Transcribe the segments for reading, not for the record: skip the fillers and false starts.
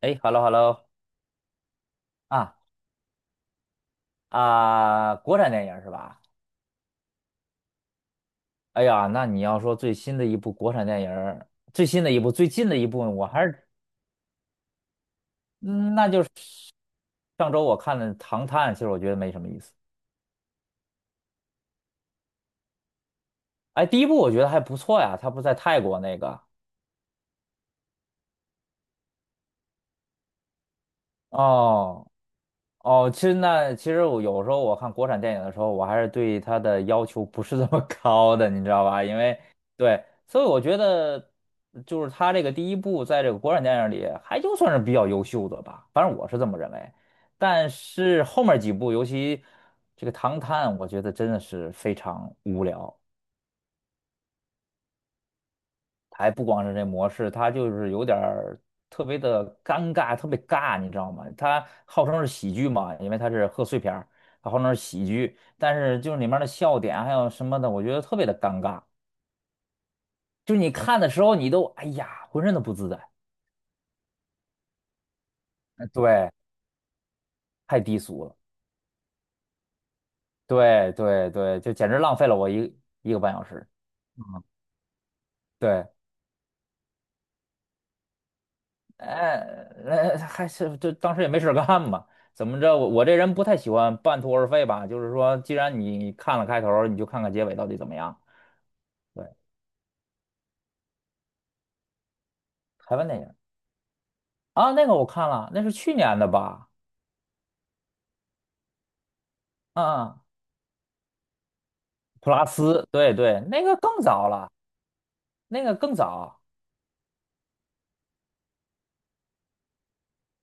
哎，hello hello 啊啊，国产电影儿是吧？哎呀，那你要说最新的一部国产电影儿最新的一部，最近的一部，我还是，嗯那就是上周我看的《唐探》，其实我觉得没什么意思。哎，第一部我觉得还不错呀，它不是在泰国那个哦，哦，其实我有时候我看国产电影的时候，我还是对它的要求不是这么 高的，你知道吧？因为对，所以我觉得就是它这个第一部在这个国产电影里还就算是比较优秀的吧，反正我是这么认为。但是后面几部，尤其这个《唐探》，我觉得真的是非常无聊。还不光是这模式，它就是有点儿特别的尴尬，特别尬，你知道吗？它号称是喜剧嘛，因为它是贺岁片儿，它号称是喜剧，但是就是里面的笑点还有什么的，我觉得特别的尴尬。就是你看的时候，你都哎呀，浑身都不自在。哎对，太低俗了。对对对，就简直浪费了我一个半小时。嗯，对。哎，还是就当时也没事儿干嘛，怎么着？我这人不太喜欢半途而废吧，就是说，既然你看了开头儿你就看看结尾到底怎么样。对，台湾电影啊，那个我看了，那是去年的吧？嗯，普拉斯，对对，那个更早了，那个更早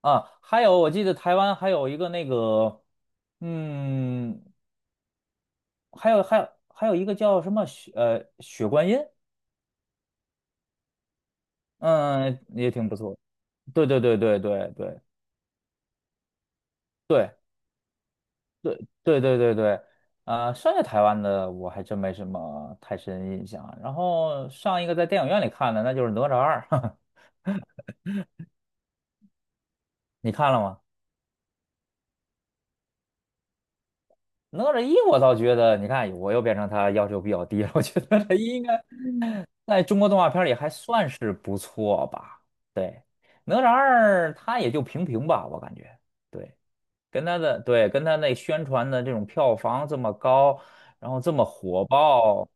啊。还有，我记得台湾还有一个那个，嗯，还有还有还有一个叫什么雪观音，嗯，也挺不错。对对对对对对。对对对对对对，剩下台湾的我还真没什么太深印象啊。然后上一个在电影院里看的，那就是《哪吒二》，你看了吗？《哪吒一》我倒觉得，你看我又变成他要求比较低了。我觉得《他应该在中国动画片里还算是不错吧？对，《哪吒二》它也就平平吧，我感觉。对，跟他的对跟他那宣传的这种票房这么高，然后这么火爆。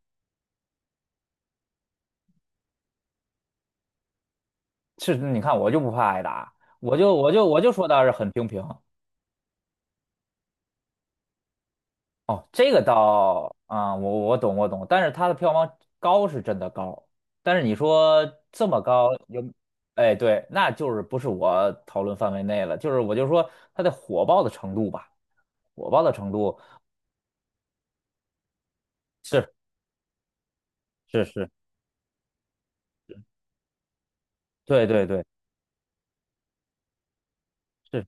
是，你看我就不怕挨打，我就说他是很平平。哦，这个倒啊、我懂我懂，但是它的票房高是真的高，但是你说这么高有，哎对，那就是不是我讨论范围内了，就是我就说它的火爆的程度吧，火爆的程度是是是，对对对，是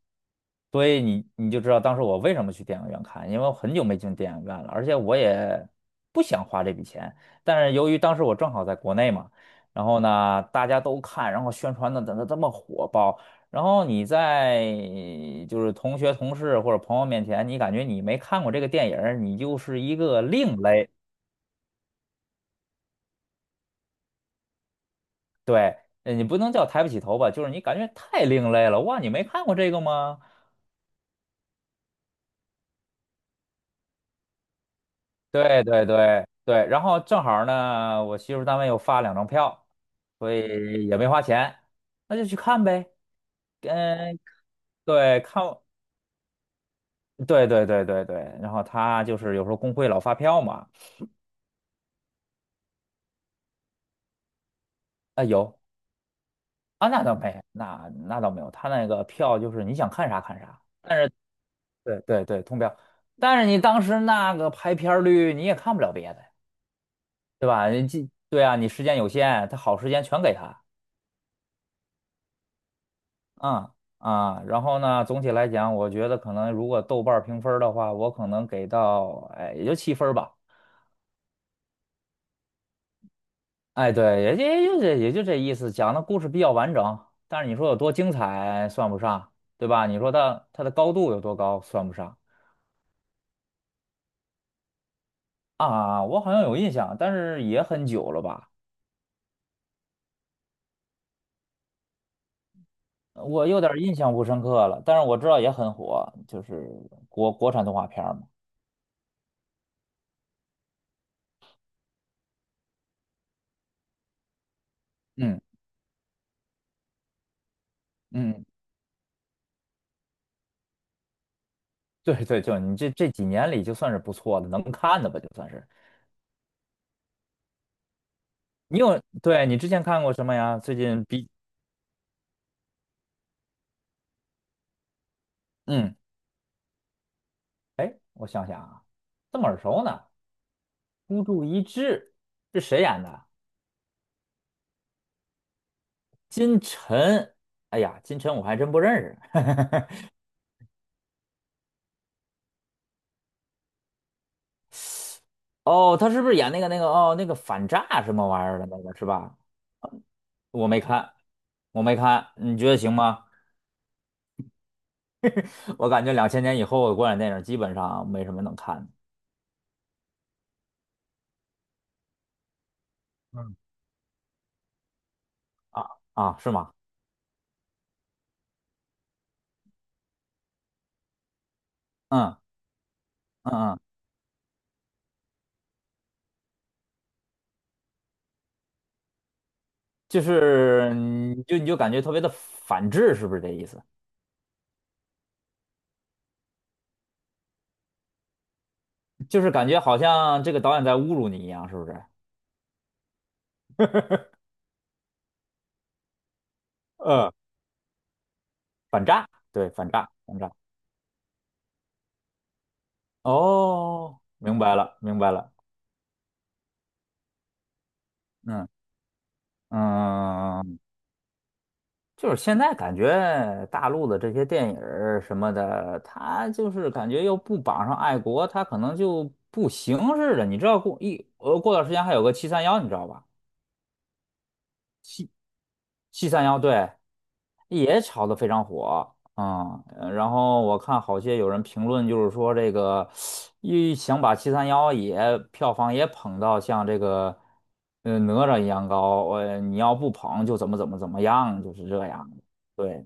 所以你就知道当时我为什么去电影院看，因为我很久没进电影院了，而且我也不想花这笔钱。但是由于当时我正好在国内嘛，然后呢大家都看，然后宣传的怎么这么火爆，然后你在就是同学、同事或者朋友面前，你感觉你没看过这个电影儿你就是一个另类。对，你不能叫抬不起头吧，就是你感觉太另类了。哇，你没看过这个吗？对对对对，然后正好呢，我媳妇单位又发两张票。所以也没花钱，那就去看呗。嗯，对，看，对对对对对。然后他就是有时候工会老发票嘛，啊、有啊，那倒没，那倒没有。他那个票就是你想看啥看啥，但是对对对，通票。但是你当时那个排片儿率，你也看不了别的，对吧？你这对啊，你时间有限，他好时间全给他，嗯啊。然后呢，总体来讲，我觉得可能如果豆瓣儿评分儿的话，我可能给到哎也就七分儿吧。哎，对，也就这也就这意思，讲的故事比较完整，但是你说有多精彩算不上，对吧？你说它的高度有多高算不上啊？我好像有印象，但是也很久了吧，我有点印象不深刻了。但是我知道也很火，就是国产动画片儿嘛。嗯嗯，对对，就你这几年里就算是不错的，能看的吧，就算是。你有，对，你之前看过什么呀？最近比，嗯，哎，我想想啊，这么耳熟呢。孤注一掷是谁演的？金晨。哎呀，金晨我还真不认识。哦，他是不是演那个那个哦那个反诈什么玩意儿的那个是吧？我没看，我没看，你觉得行吗？我感觉两千年以后的国产电影基本上没什么能看的嗯，啊啊，是吗？嗯嗯嗯，就是你就感觉特别的反制，是不是这意思？就是感觉好像这个导演在侮辱你一样，是不是？嗯，反诈，对，反诈，反诈。哦，明白了，明白了。嗯嗯，就是现在感觉大陆的这些电影儿什么的，它就是感觉又不绑上爱国，它可能就不行似的。你知道过段时间还有个七三幺，你知道吧？七三幺对也炒得非常火啊、然后我看好些有人评论，就是说这个一想把七三幺也票房也捧到像这个哪吒一样高，你要不捧就怎么样，就是这样。对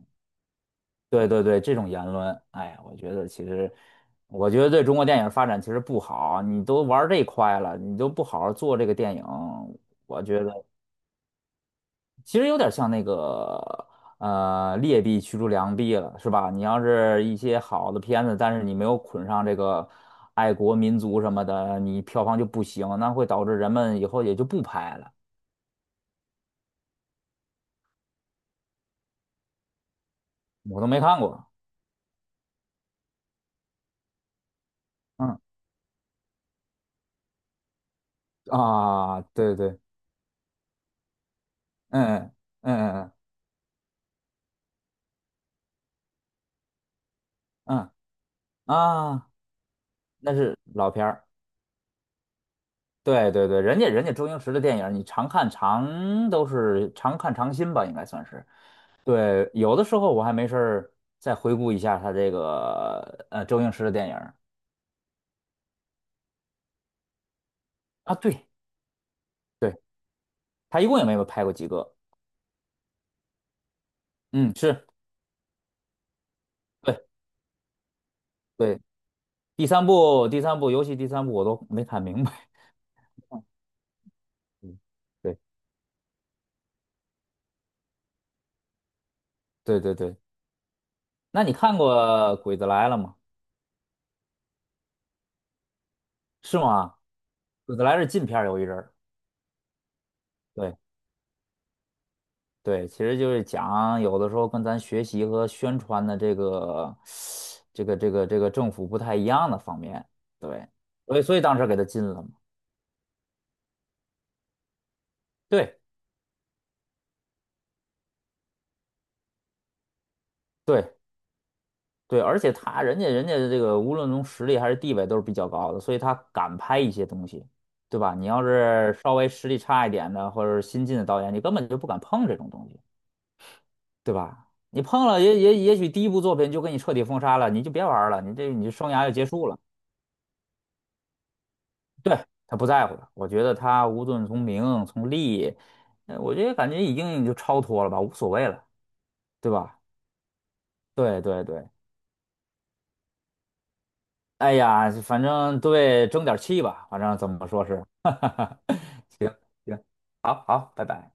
对对对，这种言论，哎，我觉得对中国电影发展其实不好。你都玩儿这块了，你都不好好做这个电影，我觉得。其实有点像那个劣币驱逐良币了，是吧？你要是一些好的片子，但是你没有捆上这个爱国民族什么的，你票房就不行，那会导致人们以后也就不拍了。我都没看过，嗯啊，对对，嗯嗯嗯嗯啊，那是老片儿，对对对，人家周星驰的电影，你常看常新吧，应该算是。对，有的时候我还没事儿再回顾一下他这个周星驰的电影儿啊，对对，他一共也没有拍过几个，嗯，是，对对，第三部，尤其第三部我都没看明白，嗯 对对对对，那你看过《鬼子来了》吗？是吗？《鬼子来了》是禁片儿有一阵儿，对对，其实就是讲有的时候跟咱学习和宣传的这个 这个政府不太一样的方面，对，所以当时给他禁了嘛。对。对对，而且他人家人家的这个无论从实力还是地位都是比较高的，所以他敢拍一些东西，对吧？你要是稍微实力差一点的或者是新晋的导演，你根本就不敢碰这种东西，对吧？你碰了也许第一部作品就给你彻底封杀了，你就别玩儿了，你这生涯就结束了。对，他不在乎了，我觉得他无论从名从利，我觉得感觉已经就超脱了吧，无所谓了，对吧？对对对。哎呀，反正对，争点气吧，反正怎么说是，哈哈哈，行行，好好，拜拜。